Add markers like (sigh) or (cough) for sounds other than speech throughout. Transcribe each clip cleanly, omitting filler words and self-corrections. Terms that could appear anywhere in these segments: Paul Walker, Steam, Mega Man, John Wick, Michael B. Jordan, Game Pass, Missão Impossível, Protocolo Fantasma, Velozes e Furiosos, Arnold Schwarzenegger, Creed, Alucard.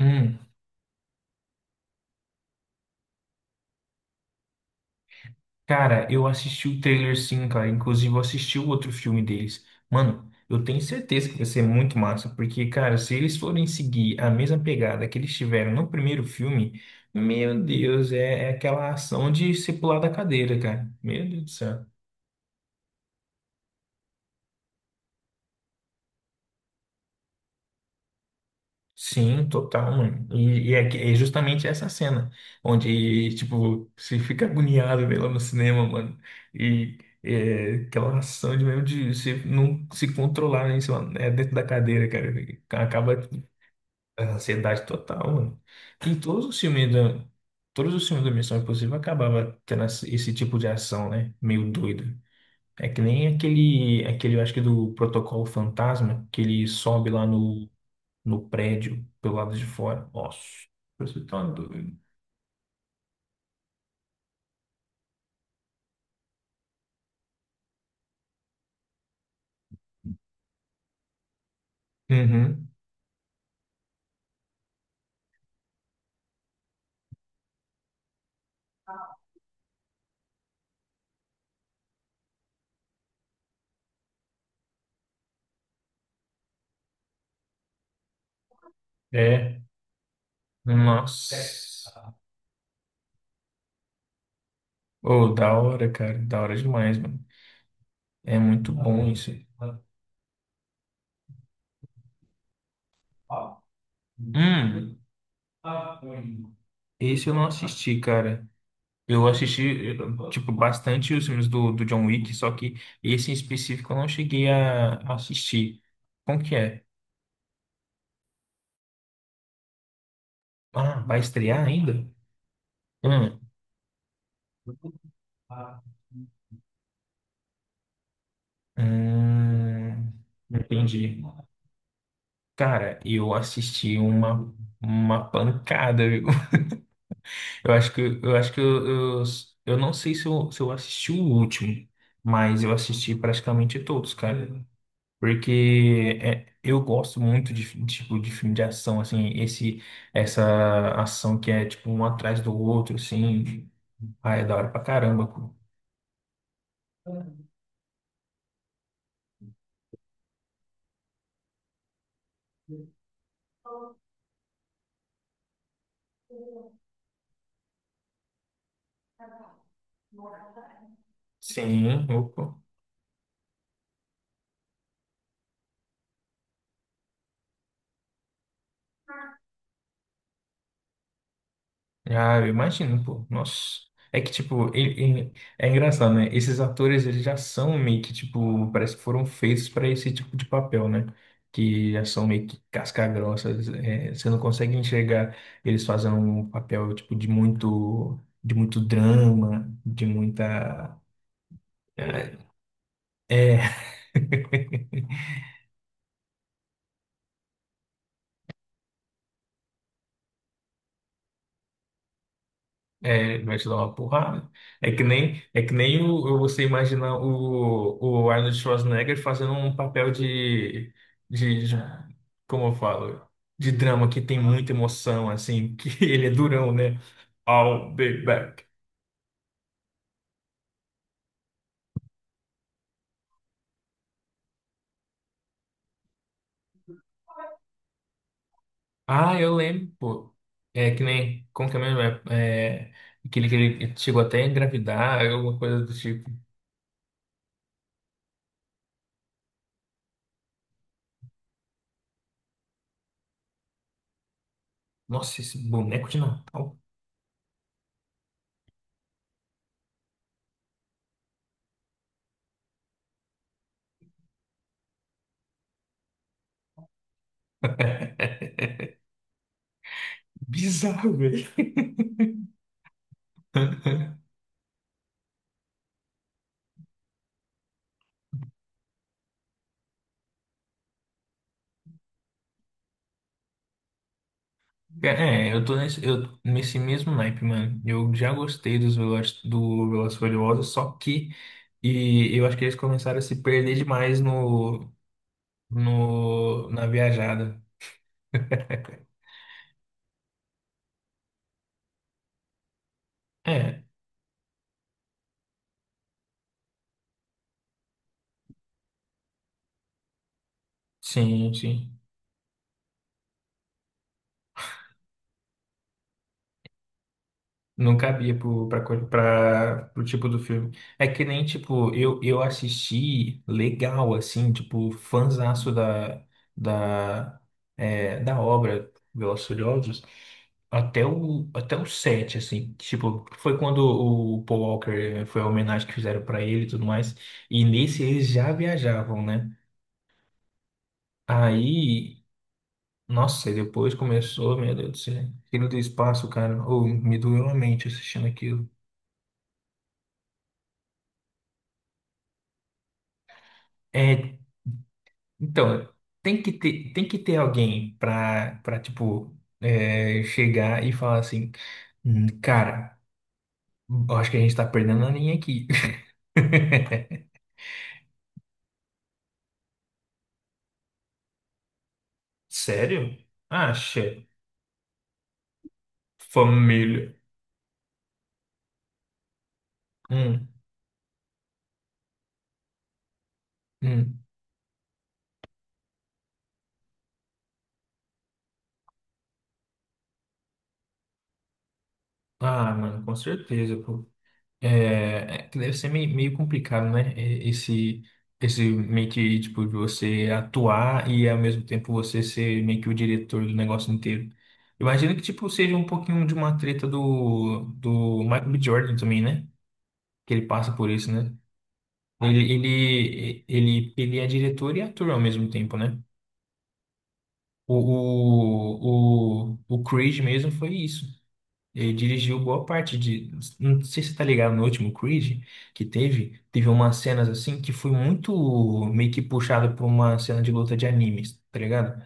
Hum, cara, eu assisti o trailer sim, cara. Inclusive, eu assisti o outro filme deles. Mano, eu tenho certeza que vai ser muito massa, porque, cara, se eles forem seguir a mesma pegada que eles tiveram no primeiro filme, meu Deus, é aquela ação de se pular da cadeira, cara. Meu Deus do céu. Sim, total, mano. E é justamente essa cena onde, tipo, você fica agoniado vendo ela no cinema, mano. E é, aquela ação de mesmo de você não se controlar né, em cima, né, dentro da cadeira, cara. E acaba tipo, a ansiedade total, mano. Em todos os filmes todos os filmes da Missão Impossível acabava tendo esse tipo de ação, né? Meio doido. É que nem aquele, eu acho que do Protocolo Fantasma, que ele sobe lá no prédio, pelo lado de fora. Nossa, você tá doido. Uhum. É. Nossa. Ô, da hora, cara. Da hora demais, mano. É muito bom isso. Hum, esse eu não assisti, cara. Eu assisti, tipo, bastante os filmes do John Wick, só que esse em específico eu não cheguei a assistir. Como que é? Ah, vai estrear ainda? Hum, hum, entendi. Cara, eu assisti uma pancada, viu? (laughs) Eu acho que eu acho que eu, eu não sei se eu, se eu assisti o último, mas eu assisti praticamente todos, cara. Porque é, eu gosto muito de tipo, de filme de ação, assim, essa ação que é tipo um atrás do outro, assim. Ah, é da hora pra caramba. Sim, opa. Ah, eu imagino, pô. Nossa. É que, tipo, ele é engraçado, né? Esses atores, eles já são meio que, tipo, parece que foram feitos para esse tipo de papel, né? Que já são meio que casca-grossas. É, você não consegue enxergar eles fazendo um papel, tipo, de muito drama, de muita... É... (laughs) É, vai te dar uma porrada. É que nem o você imaginar o Arnold Schwarzenegger fazendo um papel de como eu falo, de drama que tem muita emoção, assim, que (laughs) ele é durão, né? I'll be back. Ah, eu lembro, pô. É que nem, como que é mesmo? É, é, que ele chegou até a engravidar, alguma coisa do tipo. Nossa, esse boneco de Natal. (laughs) Bizarro, velho. (laughs) É, eu tô nesse, eu, nesse mesmo naipe, mano. Eu já gostei dos Velozes, do Velozes e Furiosos, só que e eu acho que eles começaram a se perder demais no, no, na viajada. É, sim, sim. Não cabia pro, pra, co- pra, pro tipo do filme. É que nem, tipo, eu assisti legal, assim, tipo, fãzaço da, da obra Velozes e Furiosos até até o 7, assim. Tipo, foi quando o Paul Walker, foi a homenagem que fizeram pra ele e tudo mais. E nesse eles já viajavam, né? Aí, nossa, e depois começou, meu Deus do céu, aquilo do espaço, cara, ou me doeu a mente assistindo aquilo. É. Então, tem que ter alguém pra tipo, é, chegar e falar assim, cara, eu acho que a gente tá perdendo a linha aqui." (laughs) Sério? Acha? Família. Hum, hum. Ah, mano, com certeza, pô. É que deve ser meio, meio complicado, né? Esse meio que, tipo, de você atuar e ao mesmo tempo você ser meio que o diretor do negócio inteiro. Imagino que, tipo, seja um pouquinho de uma treta do Michael B. Jordan também, né? Que ele passa por isso, né? Ele é diretor e ator ao mesmo tempo, né? O Creed mesmo foi isso. Ele dirigiu boa parte de. Não sei se você tá ligado no último Creed que teve. Teve umas cenas assim que foi muito meio que puxado por uma cena de luta de animes, tá ligado?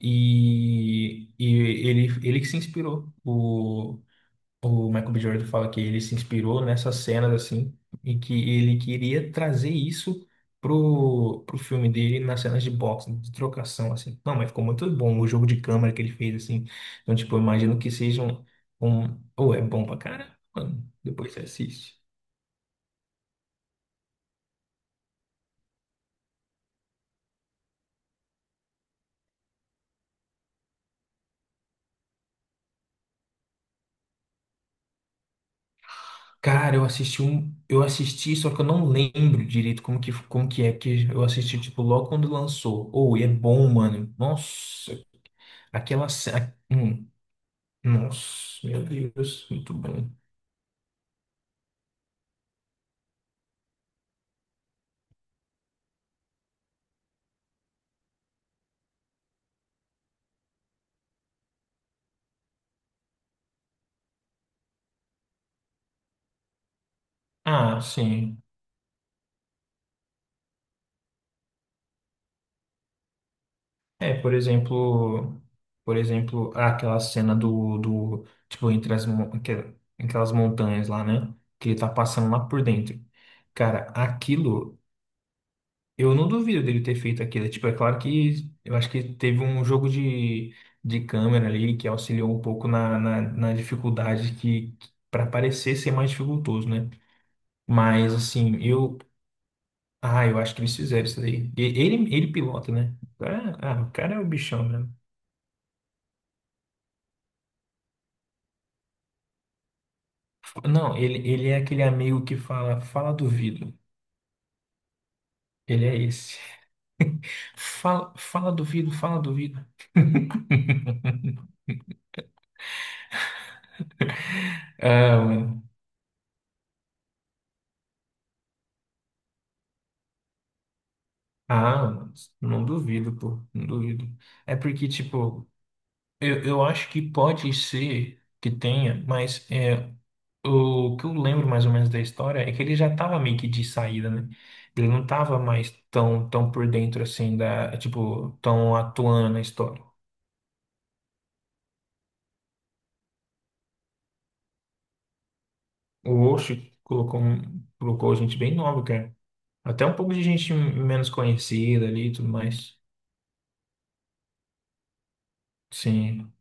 Ele que se inspirou. O Michael B. Jordan fala que ele se inspirou nessas cenas assim e que ele queria trazer isso pro filme dele nas cenas de boxe, de trocação assim. Não, mas ficou muito bom o jogo de câmera que ele fez assim. Então, tipo, eu imagino que seja um, um... ou é bom pra caramba, mano. Depois você assiste. Cara, eu assisti um, eu assisti, só que eu não lembro direito como que é, que eu assisti, tipo, logo quando lançou. Ou, e é bom, mano. Nossa, aquela cena. Nossa, meu Deus, muito bom. Ah, sim. É, por exemplo, aquela cena do tipo, entre as, mon- aquela- aquelas montanhas lá, né? Que ele tá passando lá por dentro. Cara, aquilo, eu não duvido dele ter feito aquilo. Tipo, é claro que eu acho que teve um jogo de câmera ali que auxiliou um pouco na dificuldade que, para parecer ser mais dificultoso, né? Mas, assim, eu ah, eu acho que eles fizeram isso daí. Ele pilota, né? Ah, ah, o cara é o bichão mesmo. Não, ele é aquele amigo que fala, fala duvido. Ele é esse. (laughs) Fala, fala duvido, fala duvido. (laughs) Ah, mano. Ah, mano, não duvido, pô, não duvido. É porque, tipo, eu acho que pode ser que tenha, mas é. O que eu lembro mais ou menos da história é que ele já tava meio que de saída, né? Ele não tava mais tão, tão por dentro assim da, tipo, tão atuando na história. O Osh colocou, um- colocou gente bem nova, cara. Até um pouco de gente menos conhecida ali e tudo mais. Sim.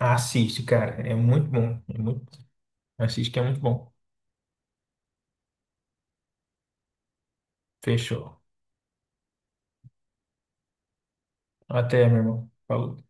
Assiste, cara. É muito bom. É muito... Assiste que é muito bom. Fechou. Até, meu irmão. Falou.